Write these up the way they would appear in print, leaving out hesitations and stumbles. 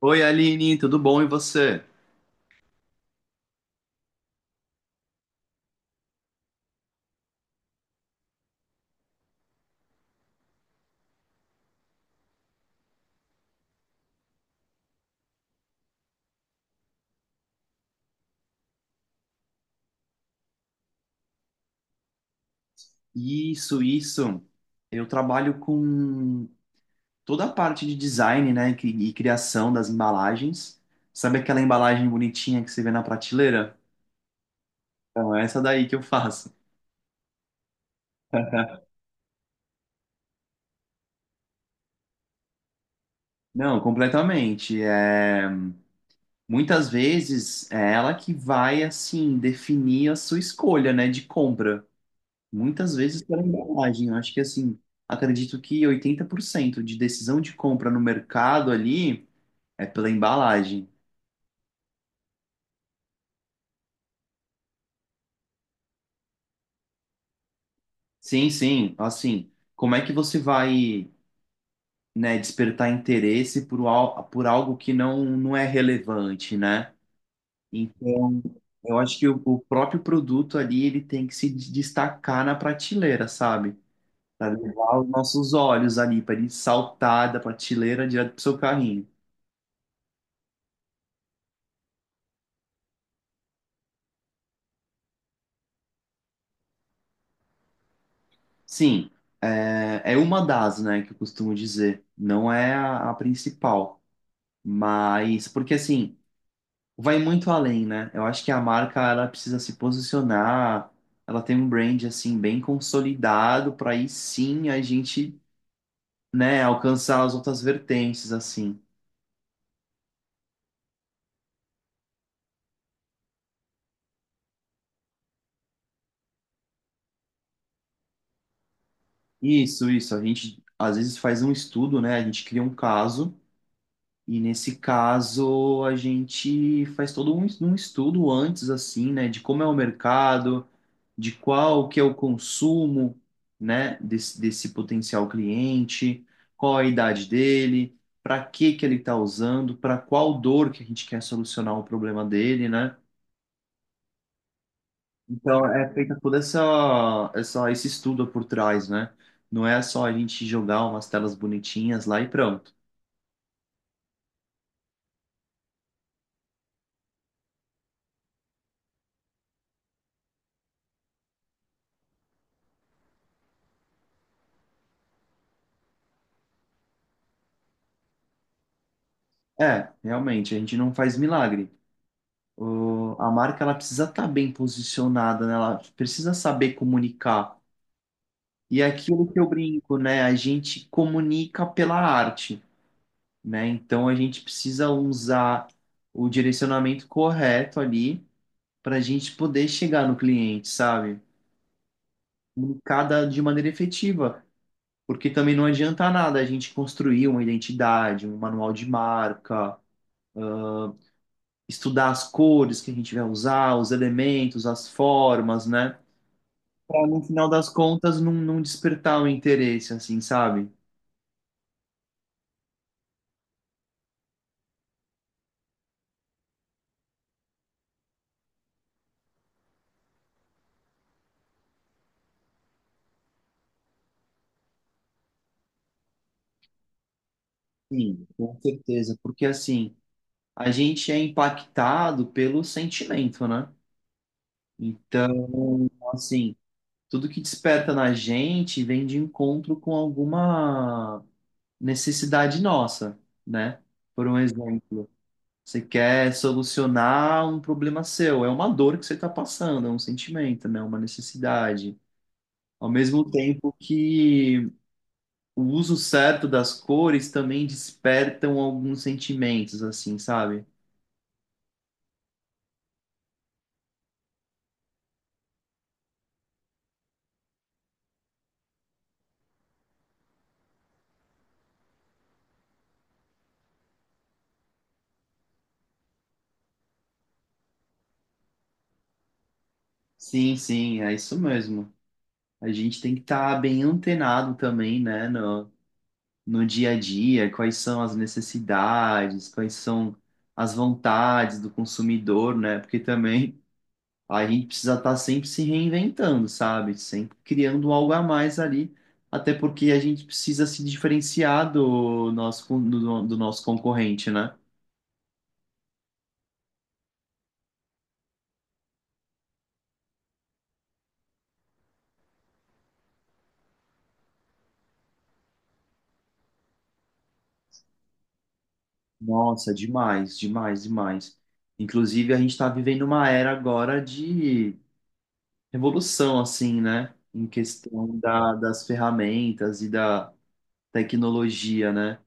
Oi, Aline, tudo bom e você? Isso, isso. Eu trabalho com toda a parte de design, né, e e criação das embalagens. Sabe aquela embalagem bonitinha que você vê na prateleira? Então, é essa daí que eu faço. Não, completamente. É, muitas vezes é ela que vai, assim, definir a sua escolha, né, de compra. Muitas vezes pela embalagem. Eu acho que, assim, acredito que 80% de decisão de compra no mercado ali é pela embalagem. Sim, sim. Assim, como é que você vai, né, despertar interesse por, por algo que não é relevante, né? Então, eu acho que o próprio produto ali, ele tem que se destacar na prateleira, sabe? Para levar os nossos olhos ali, para ele saltar da prateleira direto pro seu carrinho. Sim, é uma das, né, que eu costumo dizer. Não é a principal. Mas, porque assim, vai muito além, né? Eu acho que a marca ela precisa se posicionar, ela tem um brand assim bem consolidado para aí sim a gente, né, alcançar as outras vertentes assim. Isso, isso. A gente às vezes faz um estudo, né? A gente cria um caso e nesse caso a gente faz todo um estudo antes assim, né, de como é o mercado de qual que é o consumo, né, desse potencial cliente, qual a idade dele, para que que ele está usando, para qual dor que a gente quer solucionar o problema dele, né? Então é feita toda essa, essa esse estudo por trás, né? Não é só a gente jogar umas telas bonitinhas lá e pronto. É, realmente, a gente não faz milagre. A marca ela precisa estar bem posicionada, né? Ela precisa saber comunicar. E é aquilo que eu brinco, né? A gente comunica pela arte, né? Então a gente precisa usar o direcionamento correto ali para a gente poder chegar no cliente, sabe? Comunicada de maneira efetiva, porque também não adianta nada a gente construir uma identidade, um manual de marca, estudar as cores que a gente vai usar, os elementos, as formas, né? Para no final das contas não despertar o interesse, assim, sabe? Sim, com certeza, porque assim, a gente é impactado pelo sentimento, né? Então, assim, tudo que desperta na gente vem de encontro com alguma necessidade nossa, né? Por um exemplo, você quer solucionar um problema seu, é uma dor que você está passando, é um sentimento, né? Uma necessidade. Ao mesmo tempo que o uso certo das cores também despertam alguns sentimentos, assim, sabe? Sim, sim, é isso mesmo. A gente tem que estar bem antenado também, né, no dia a dia, quais são as necessidades, quais são as vontades do consumidor, né? Porque também a gente precisa estar sempre se reinventando, sabe? Sempre criando algo a mais ali, até porque a gente precisa se diferenciar do nosso concorrente, né? Nossa, demais, demais, demais. Inclusive, a gente está vivendo uma era agora revolução, assim, né? Em questão da, das ferramentas e da tecnologia, né?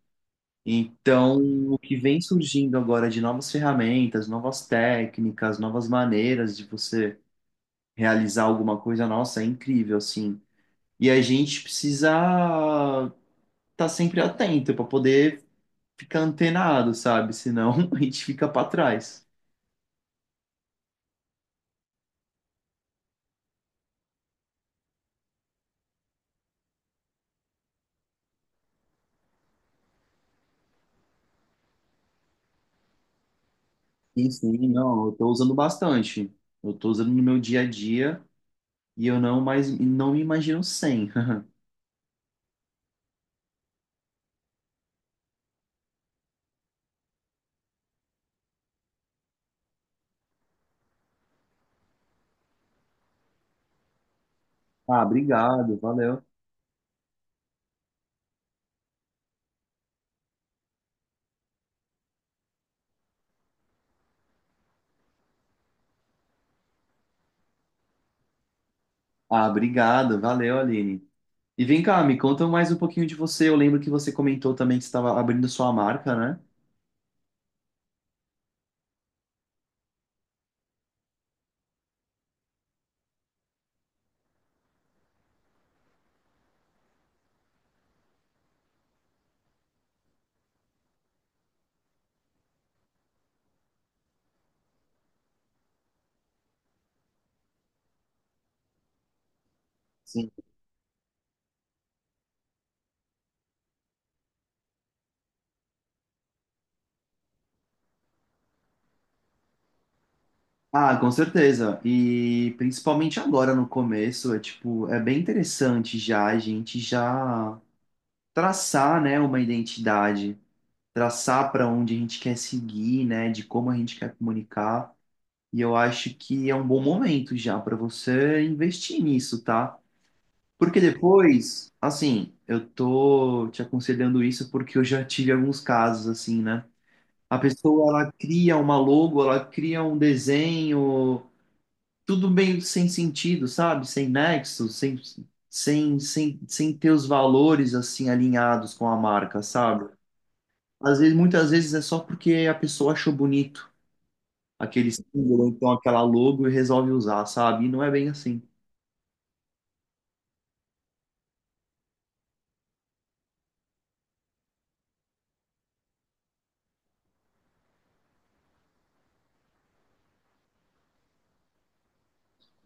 Então, o que vem surgindo agora de novas ferramentas, novas técnicas, novas maneiras de você realizar alguma coisa, nossa, é incrível, assim. E a gente precisa estar sempre atento para poder ficar antenado, sabe? Senão a gente fica para trás. Sim, sim, não, eu tô usando bastante. Eu tô usando no meu dia a dia. E eu não mais não me imagino sem. Ah, obrigado, valeu. Ah, obrigado, valeu, Aline. E vem cá, me conta mais um pouquinho de você. Eu lembro que você comentou também que você estava abrindo sua marca, né? Sim. Ah, com certeza. E principalmente agora no começo, é tipo, é bem interessante já a gente já traçar, né, uma identidade, traçar para onde a gente quer seguir, né, de como a gente quer comunicar. E eu acho que é um bom momento já para você investir nisso, tá? Porque depois, assim, eu tô te aconselhando isso porque eu já tive alguns casos assim, né? A pessoa, ela cria uma logo, ela cria um desenho, tudo meio sem sentido, sabe? Sem nexo, sem ter os valores, assim, alinhados com a marca, sabe? Às vezes, muitas vezes é só porque a pessoa achou bonito aquele símbolo, ou então aquela logo e resolve usar, sabe? E não é bem assim.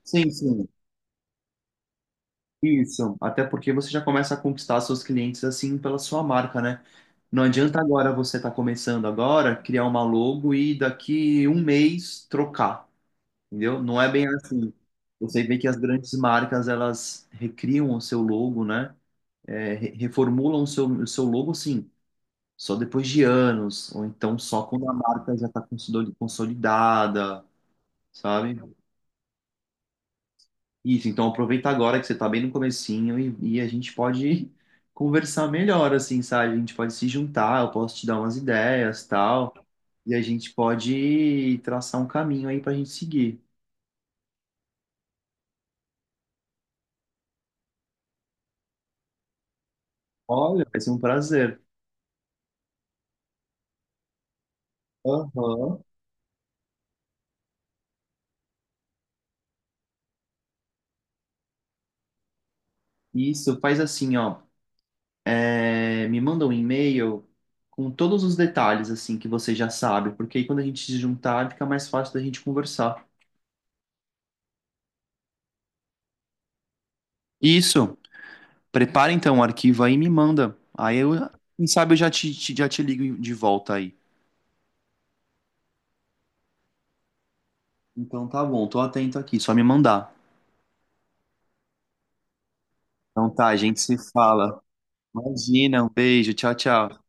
Sim, sim. Isso, até porque você já começa a conquistar seus clientes assim pela sua marca, né? Não adianta agora você estar começando agora, criar uma logo e daqui um mês trocar, entendeu? Não é bem assim. Você vê que as grandes marcas, elas recriam o seu logo, né? É, reformulam o seu logo, sim, só depois de anos, ou então só quando a marca já está consolidada, sabe? Isso, então aproveita agora que você tá bem no comecinho e a gente pode conversar melhor, assim, sabe? A gente pode se juntar, eu posso te dar umas ideias, tal, e a gente pode traçar um caminho aí pra gente seguir. Olha, vai ser um prazer. Aham. Isso, faz assim, ó, é, me manda um e-mail com todos os detalhes, assim, que você já sabe, porque aí quando a gente se juntar fica mais fácil da gente conversar. Isso. Prepara então o arquivo aí e me manda. Aí eu, quem sabe eu já te ligo de volta aí. Então tá bom, tô atento aqui, só me mandar. Então tá, a gente se fala. Imagina, um beijo, tchau, tchau.